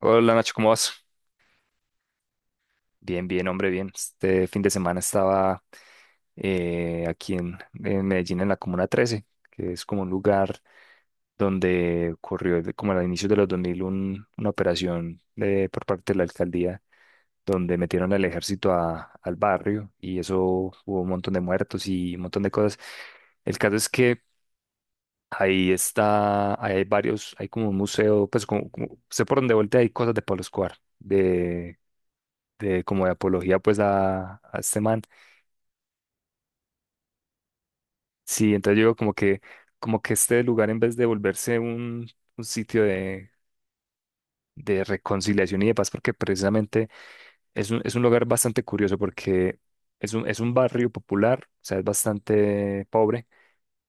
Hola Nacho, ¿cómo vas? Bien, bien, hombre, bien. Este fin de semana estaba aquí en Medellín, en la Comuna 13, que es como un lugar donde ocurrió como a inicios de los 2000 una operación por parte de la alcaldía, donde metieron al ejército al barrio y eso hubo un montón de muertos y un montón de cosas. El caso es que ahí está, ahí hay varios, hay como un museo, pues sé por dónde voltea, hay cosas de Pablo Escobar, de como de apología pues a este man. Sí, entonces yo digo como que este lugar en vez de volverse un sitio de reconciliación y de paz, porque precisamente es un lugar bastante curioso porque es un barrio popular, o sea, es bastante pobre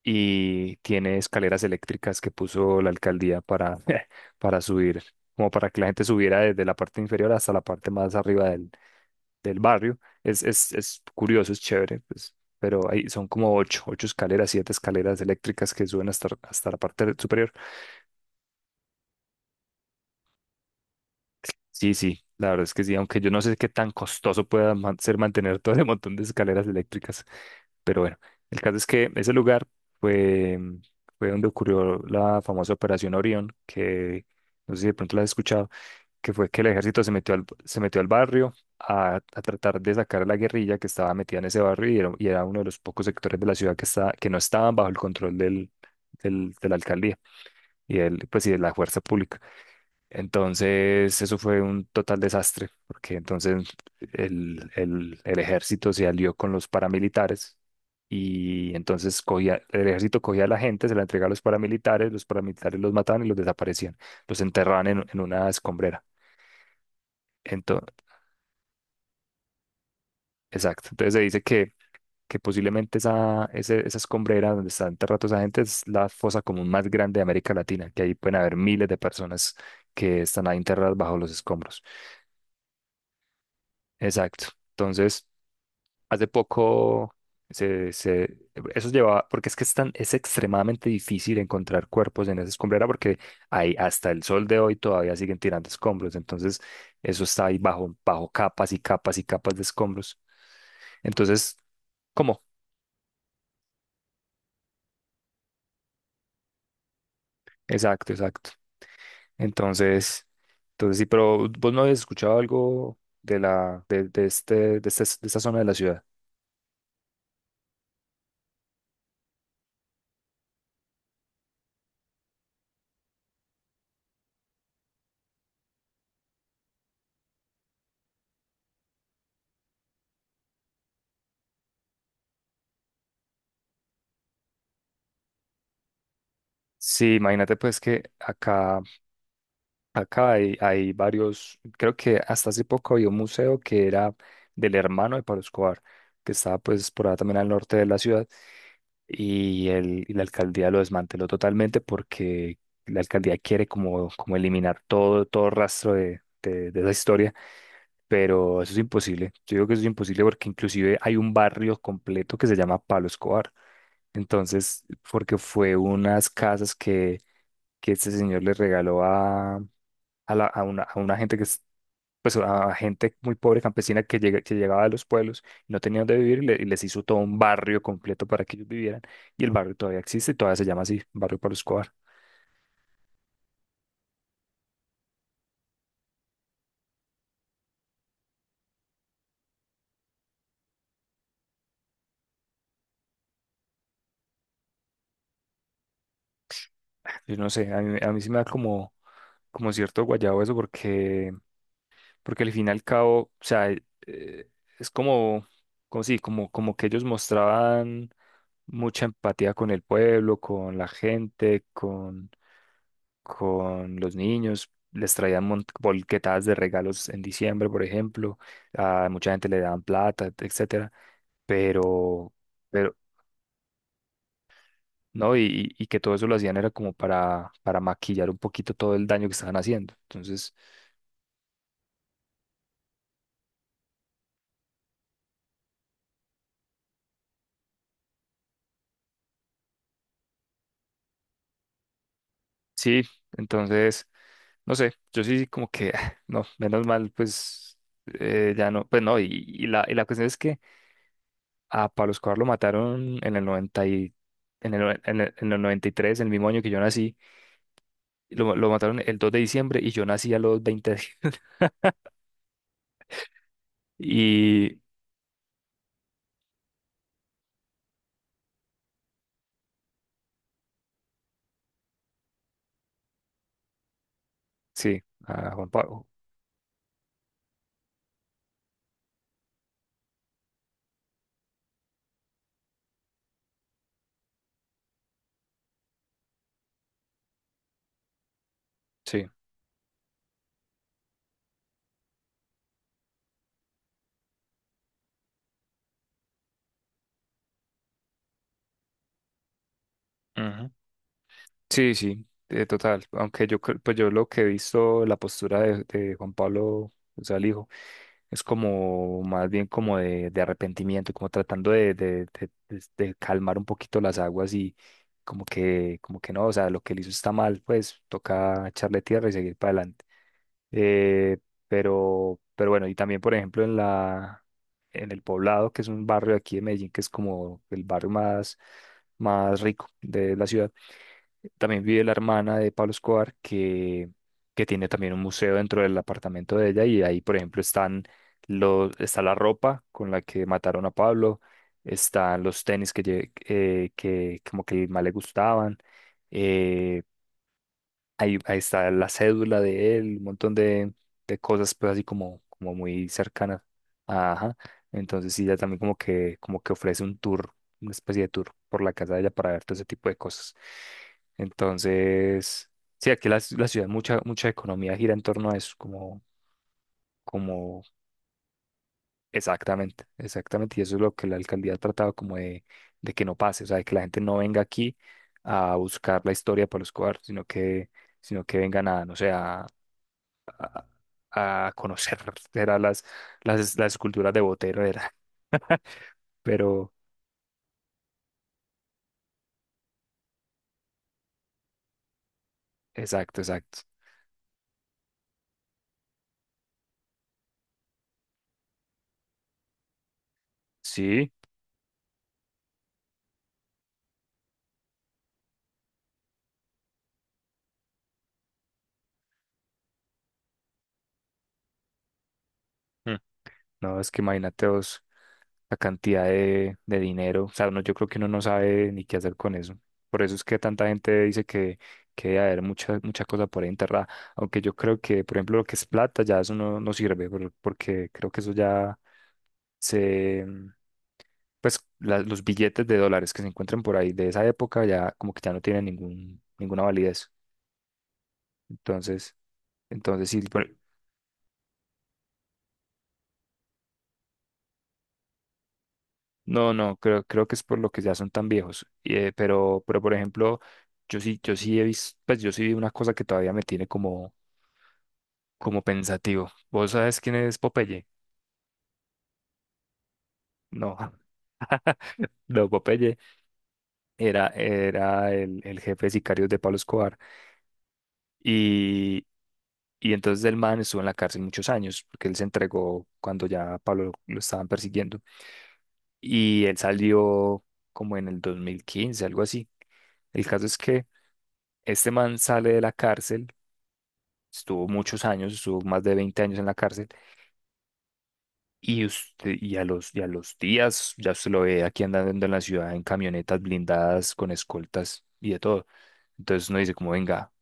y tiene escaleras eléctricas que puso la alcaldía para, para subir, como para que la gente subiera desde la parte inferior hasta la parte más arriba del barrio. Es curioso, es chévere, pues, pero ahí son como ocho, ocho escaleras, siete escaleras eléctricas que suben hasta la parte superior. Sí, sí, la verdad es que sí, aunque yo no sé qué tan costoso pueda ser mantener todo ese montón de escaleras eléctricas, pero bueno, el caso es que ese lugar fue, fue donde ocurrió la famosa Operación Orión, que no sé si de pronto la has escuchado, que fue que el ejército se metió al barrio a tratar de sacar a la guerrilla que estaba metida en ese barrio y era uno de los pocos sectores de la ciudad que, está que no estaban bajo el control de la alcaldía y, y de la fuerza pública. Entonces, eso fue un total desastre, porque entonces el ejército se alió con los paramilitares. Y entonces el ejército cogía a la gente, se la entregaba a los paramilitares, los paramilitares los mataban y los desaparecían, los enterraban en una escombrera. Exacto. Entonces se dice que posiblemente esa escombrera donde está enterrado esa gente es la fosa común más grande de América Latina, que ahí pueden haber miles de personas que están ahí enterradas bajo los escombros. Exacto. Entonces, hace poco se, se- eso llevaba, porque es que es extremadamente difícil encontrar cuerpos en esa escombrera porque ahí hasta el sol de hoy todavía siguen tirando escombros. Entonces, eso está ahí bajo capas y capas y capas de escombros. Entonces, ¿cómo? Exacto, exacto. Entonces, entonces sí, pero vos no habías escuchado algo de la, de este, de este- de esta zona de la ciudad. Sí, imagínate pues que acá hay varios, creo que hasta hace poco había un museo que era del hermano de Pablo Escobar, que estaba pues por allá también al norte de la ciudad, y la alcaldía lo desmanteló totalmente porque la alcaldía quiere como eliminar todo rastro de esa historia. Pero eso es imposible. Yo digo que eso es imposible porque inclusive hay un barrio completo que se llama Pablo Escobar. Entonces, porque fue unas casas que este señor le regaló a una gente que es, pues a gente muy pobre campesina que, que llegaba de los pueblos y no tenía dónde vivir y, y les hizo todo un barrio completo para que ellos vivieran. Y el barrio todavía existe, todavía se llama así, Barrio Pablo Escobar. Yo no sé, a mí sí me da como cierto guayabo eso porque al fin y al cabo, o sea, es como sí, como que ellos mostraban mucha empatía con el pueblo, con la gente, con los niños. Les traían mont bolquetadas de regalos en diciembre, por ejemplo. A mucha gente le daban plata, etcétera. Pero, pero, no, y que todo eso lo hacían era como para maquillar un poquito todo el daño que estaban haciendo. Entonces, sí, entonces, no sé, yo sí como que, ah, no, menos mal, pues ya no, pues no, y la cuestión es que a Pablo Escobar lo mataron en el 90 y, en el, noven- en el 93, en el mismo año que yo nací, lo mataron el 2 de diciembre y yo nací a los 20 Y sí, a Juan Pablo, sí. Ujú. Sí, sí, total, aunque pues yo lo que he visto, la postura de Juan Pablo, o sea, el hijo. Es como más bien como de arrepentimiento, como tratando de calmar un poquito las aguas y como que no, o sea, lo que él hizo está mal, pues toca echarle tierra y seguir para adelante. Eh, pero, bueno, y también por ejemplo en el Poblado, que es un barrio aquí de Medellín, que es como el barrio más rico de la ciudad. También vive la hermana de Pablo Escobar que tiene también un museo dentro del apartamento de ella y ahí, por ejemplo, está la ropa con la que mataron a Pablo, están los tenis que, que como que más le gustaban, eh, ahí, está la cédula de él, un montón de cosas, pues así como muy cercanas. Ajá. Entonces sí, ella también como que ofrece un tour, una especie de tour por la casa de ella para ver todo ese tipo de cosas. Entonces, sí, aquí la ciudad, mucha economía gira en torno a eso, como exactamente, exactamente. Y eso es lo que la alcaldía ha tratado como de que no pase, o sea, de que la gente no venga aquí a buscar la historia para los cuartos, sino que vengan a, no sé, a, a conocer, era las esculturas de Botero, era. Pero, exacto, exacto. Sí, mm, no, es que imagínate vos la cantidad de dinero. O sea, uno, yo creo que uno no sabe ni qué hacer con eso. Por eso es que tanta gente dice que debe haber mucha cosa por ahí enterrada. Aunque yo creo que, por ejemplo, lo que es plata, ya eso no sirve, porque creo que eso ya se, pues los billetes de dólares que se encuentran por ahí de esa época ya como que ya no tienen ningún, ninguna validez. Entonces, sí, no, no, creo que es por lo que ya son tan viejos. Y, pero, por ejemplo, yo sí he visto, pues yo sí vi una cosa que todavía me tiene como pensativo. ¿Vos sabes quién es Popeye? No. No, Popeye era el jefe de sicarios de Pablo Escobar. Y entonces el man estuvo en la cárcel muchos años, porque él se entregó cuando ya a Pablo lo estaban persiguiendo. Y él salió como en el 2015, algo así. El caso es que este man sale de la cárcel, estuvo muchos años, estuvo más de 20 años en la cárcel, y a los días ya se lo ve aquí andando en la ciudad en camionetas blindadas, con escoltas y de todo. Entonces uno dice como, venga,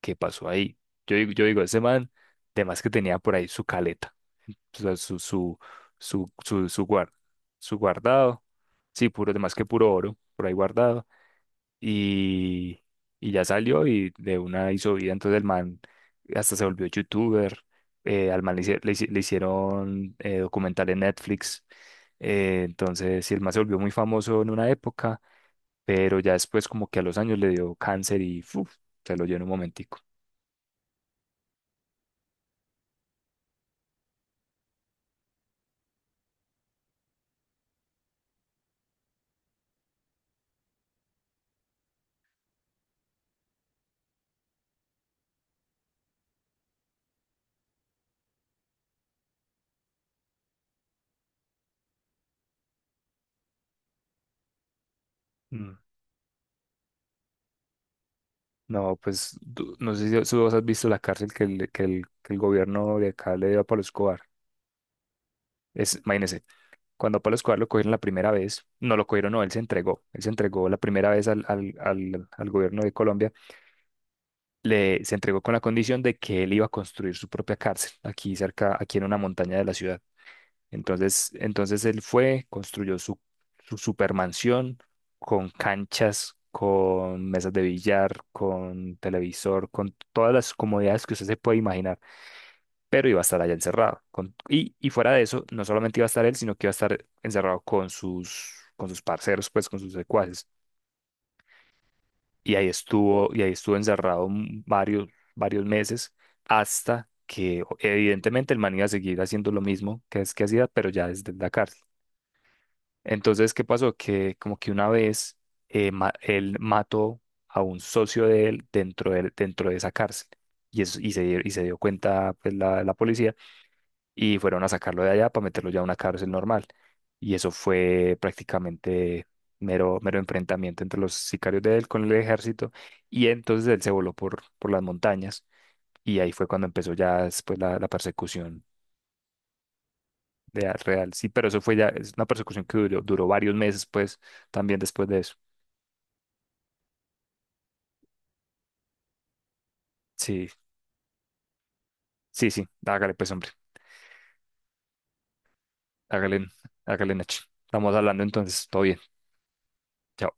¿qué pasó ahí? Yo digo, ese man, además que tenía por ahí su caleta. O sea, su, su, su, guar- su guardado. Sí, puro, más que puro oro, por ahí guardado. Y, y ya salió y de una hizo vida. Entonces el man hasta se volvió youtuber. Al man le hicieron documental en Netflix. Sí, el man se volvió muy famoso en una época, pero ya después como que a los años le dio cáncer y ¡fuf! Se lo dio en un momentico. No, pues no sé si vos has visto la cárcel que el gobierno de acá le dio a Pablo Escobar. Imagínese, cuando a Pablo Escobar lo cogieron la primera vez, no lo cogieron, no, él se entregó, la primera vez al gobierno de Colombia, se entregó con la condición de que él iba a construir su propia cárcel aquí cerca, aquí en una montaña de la ciudad. Entonces, él construyó su supermansión con canchas, con mesas de billar, con televisor, con todas las comodidades que usted se puede imaginar, pero iba a estar allá encerrado. Y fuera de eso, no solamente iba a estar él, sino que iba a estar encerrado con sus parceros, pues con sus secuaces. Y ahí estuvo encerrado varios meses hasta que evidentemente el man iba a seguir haciendo lo mismo que es que hacía, pero ya desde la cárcel. Entonces, ¿qué pasó? Que como que una vez él mató a un socio de él dentro dentro de esa cárcel. Y se dio cuenta pues, la policía y fueron a sacarlo de allá para meterlo ya a una cárcel normal. Y eso fue prácticamente mero, mero enfrentamiento entre los sicarios de él con el ejército. Y entonces él se voló por las montañas y ahí fue cuando empezó ya después la persecución de, real. Sí, pero eso fue ya, es una persecución que duró varios meses, pues, también después de eso. Sí, sí, sí. Hágale pues, hombre. Hágale, hágale, Nachi. Estamos hablando entonces. Todo bien. Chao.